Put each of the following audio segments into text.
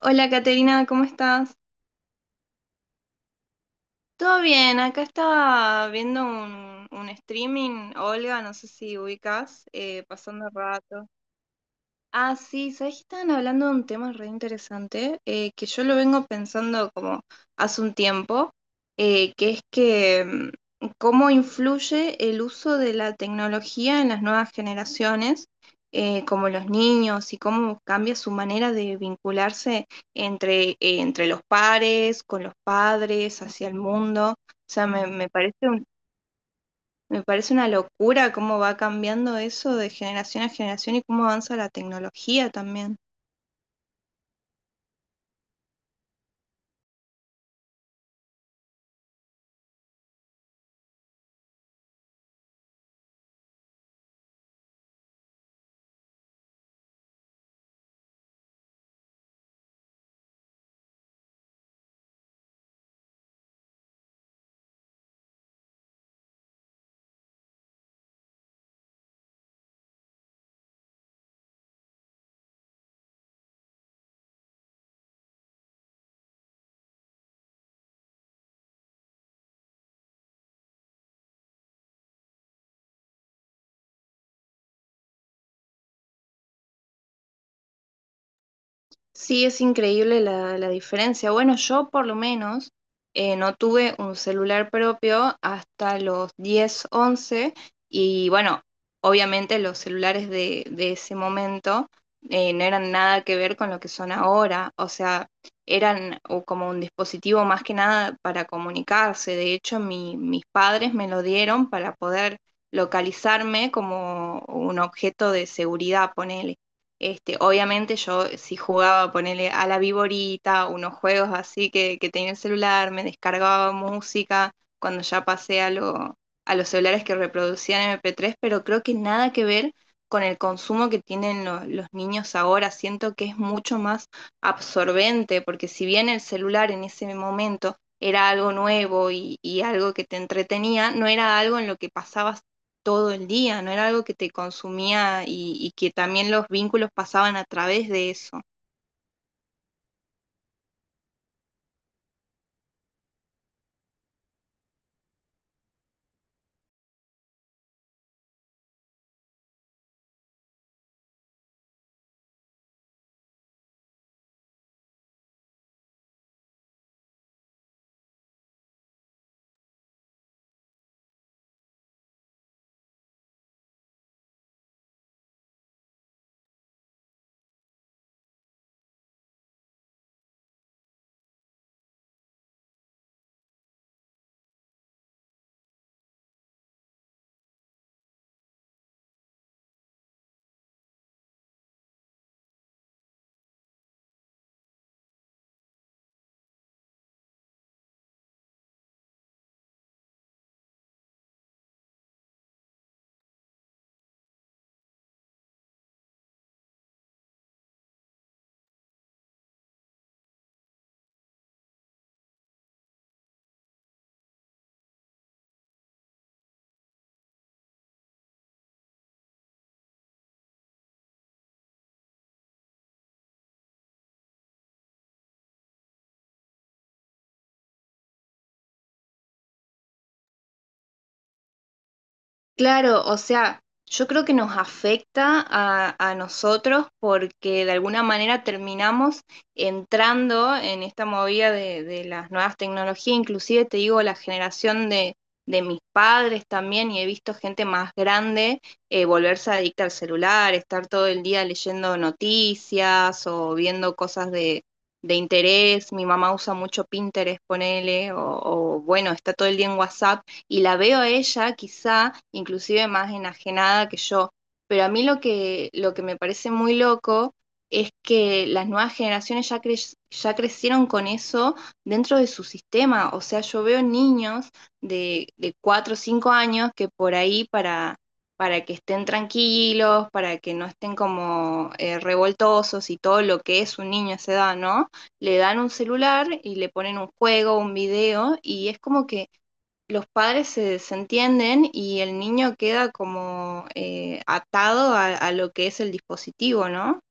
Hola Caterina, ¿cómo estás? Todo bien, acá estaba viendo un streaming, Olga, no sé si ubicas, pasando el rato. Ah, sí, sabés que estaban hablando de un tema re interesante, que yo lo vengo pensando como hace un tiempo, que es que cómo influye el uso de la tecnología en las nuevas generaciones, como los niños, y cómo cambia su manera de vincularse entre, entre los pares, con los padres, hacia el mundo. O sea, me parece me parece una locura cómo va cambiando eso de generación a generación y cómo avanza la tecnología también. Sí, es increíble la diferencia. Bueno, yo por lo menos no tuve un celular propio hasta los 10, once, y bueno, obviamente los celulares de ese momento no eran nada que ver con lo que son ahora. O sea, eran o como un dispositivo más que nada para comunicarse. De hecho, mis padres me lo dieron para poder localizarme como un objeto de seguridad, ponele. Este, obviamente yo si jugaba, ponele a la Viborita, unos juegos así que tenía el celular, me descargaba música, cuando ya pasé a los celulares que reproducían MP3, pero creo que nada que ver con el consumo que tienen los niños ahora. Siento que es mucho más absorbente, porque si bien el celular en ese momento era algo nuevo y algo que te entretenía, no era algo en lo que pasabas todo el día, no era algo que te consumía y que también los vínculos pasaban a través de eso. Claro, o sea, yo creo que nos afecta a nosotros porque de alguna manera terminamos entrando en esta movida de las nuevas tecnologías; inclusive te digo, la generación de mis padres también, y he visto gente más grande, volverse adicta al celular, estar todo el día leyendo noticias o viendo cosas de interés. Mi mamá usa mucho Pinterest, ponele, o bueno, está todo el día en WhatsApp y la veo a ella quizá inclusive más enajenada que yo. Pero a mí lo lo que me parece muy loco es que las nuevas generaciones ya, ya crecieron con eso dentro de su sistema. O sea, yo veo niños de 4 o 5 años que por ahí para que estén tranquilos, para que no estén como revoltosos y todo lo que es un niño a esa edad, ¿no? Le dan un celular y le ponen un juego, un video, y es como que los padres se desentienden y el niño queda como atado lo que es el dispositivo, ¿no?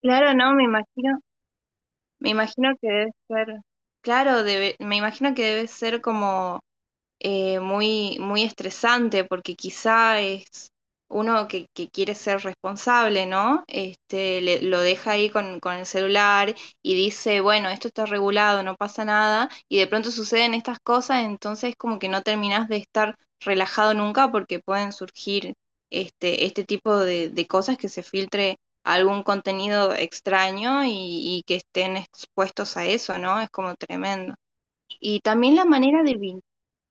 Claro, no, me imagino que debe ser, claro, me imagino que debe ser como muy, muy estresante porque quizá es uno que quiere ser responsable, ¿no? Este, lo deja ahí con el celular y dice, bueno, esto está regulado, no pasa nada, y de pronto suceden estas cosas, entonces como que no terminás de estar relajado nunca porque pueden surgir este, este tipo de cosas que se filtre algún contenido extraño, y que estén expuestos a eso, ¿no? Es como tremendo. Y también la manera de,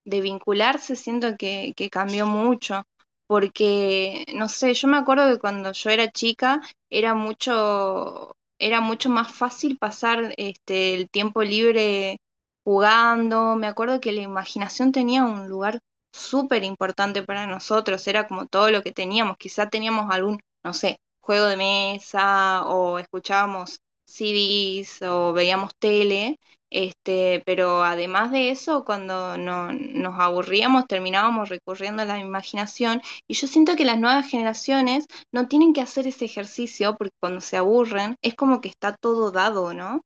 de vincularse, siento que cambió mucho, porque, no sé, yo me acuerdo que cuando yo era chica era mucho más fácil pasar este, el tiempo libre jugando. Me acuerdo que la imaginación tenía un lugar súper importante para nosotros, era como todo lo que teníamos. Quizá teníamos algún, no sé, juego de mesa o escuchábamos CDs o veíamos tele este, pero además de eso, cuando nos aburríamos, terminábamos recurriendo a la imaginación. Y yo siento que las nuevas generaciones no tienen que hacer ese ejercicio porque cuando se aburren es como que está todo dado, ¿no?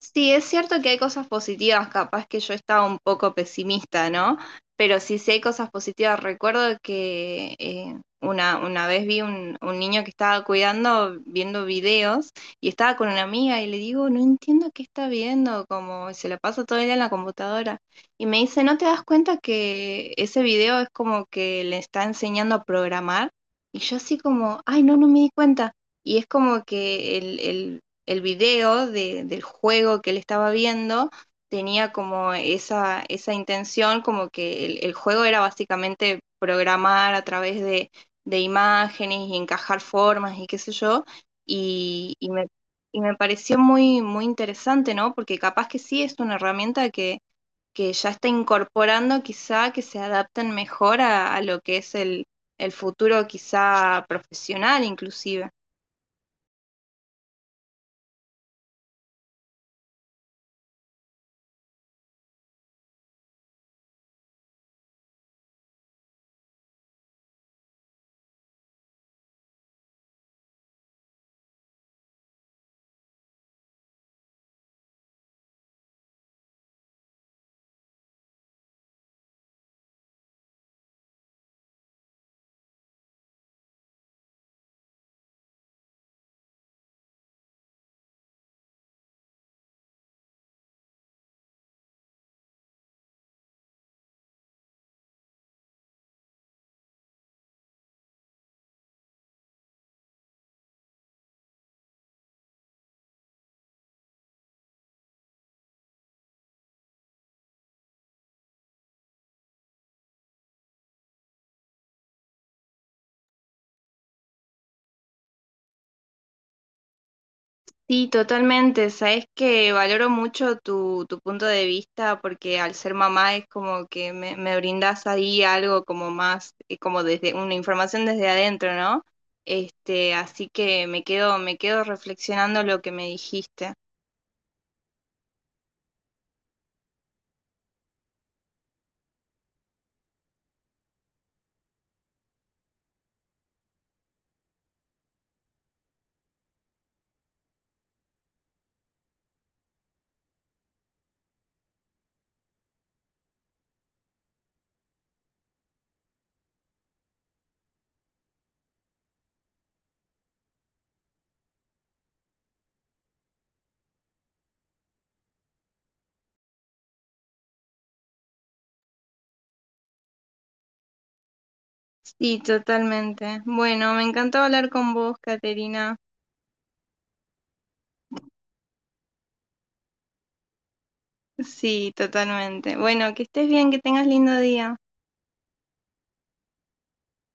Sí, es cierto que hay cosas positivas, capaz que yo estaba un poco pesimista, ¿no? Pero sí, sí hay cosas positivas. Recuerdo que, una vez vi un niño que estaba cuidando, viendo videos, y estaba con una amiga y le digo, no entiendo qué está viendo, como se la pasa todo el día en la computadora. Y me dice, ¿no te das cuenta que ese video es como que le está enseñando a programar? Y yo así como, ay, no, no me di cuenta. Y es como que el video del juego que él estaba viendo tenía como esa intención, como que el juego era básicamente programar a través imágenes y encajar formas y qué sé yo, y, y, me, y me pareció muy, muy interesante, ¿no? Porque capaz que sí es una herramienta que ya está incorporando quizá que se adapten mejor a lo que es el futuro quizá profesional inclusive. Sí, totalmente. Sabes que valoro mucho tu punto de vista porque al ser mamá es como que me brindas ahí algo como más, como desde una información desde adentro, ¿no? Este, así que me quedo reflexionando lo que me dijiste. Sí, totalmente. Bueno, me encantó hablar con vos, Caterina. Sí, totalmente. Bueno, que estés bien, que tengas lindo día.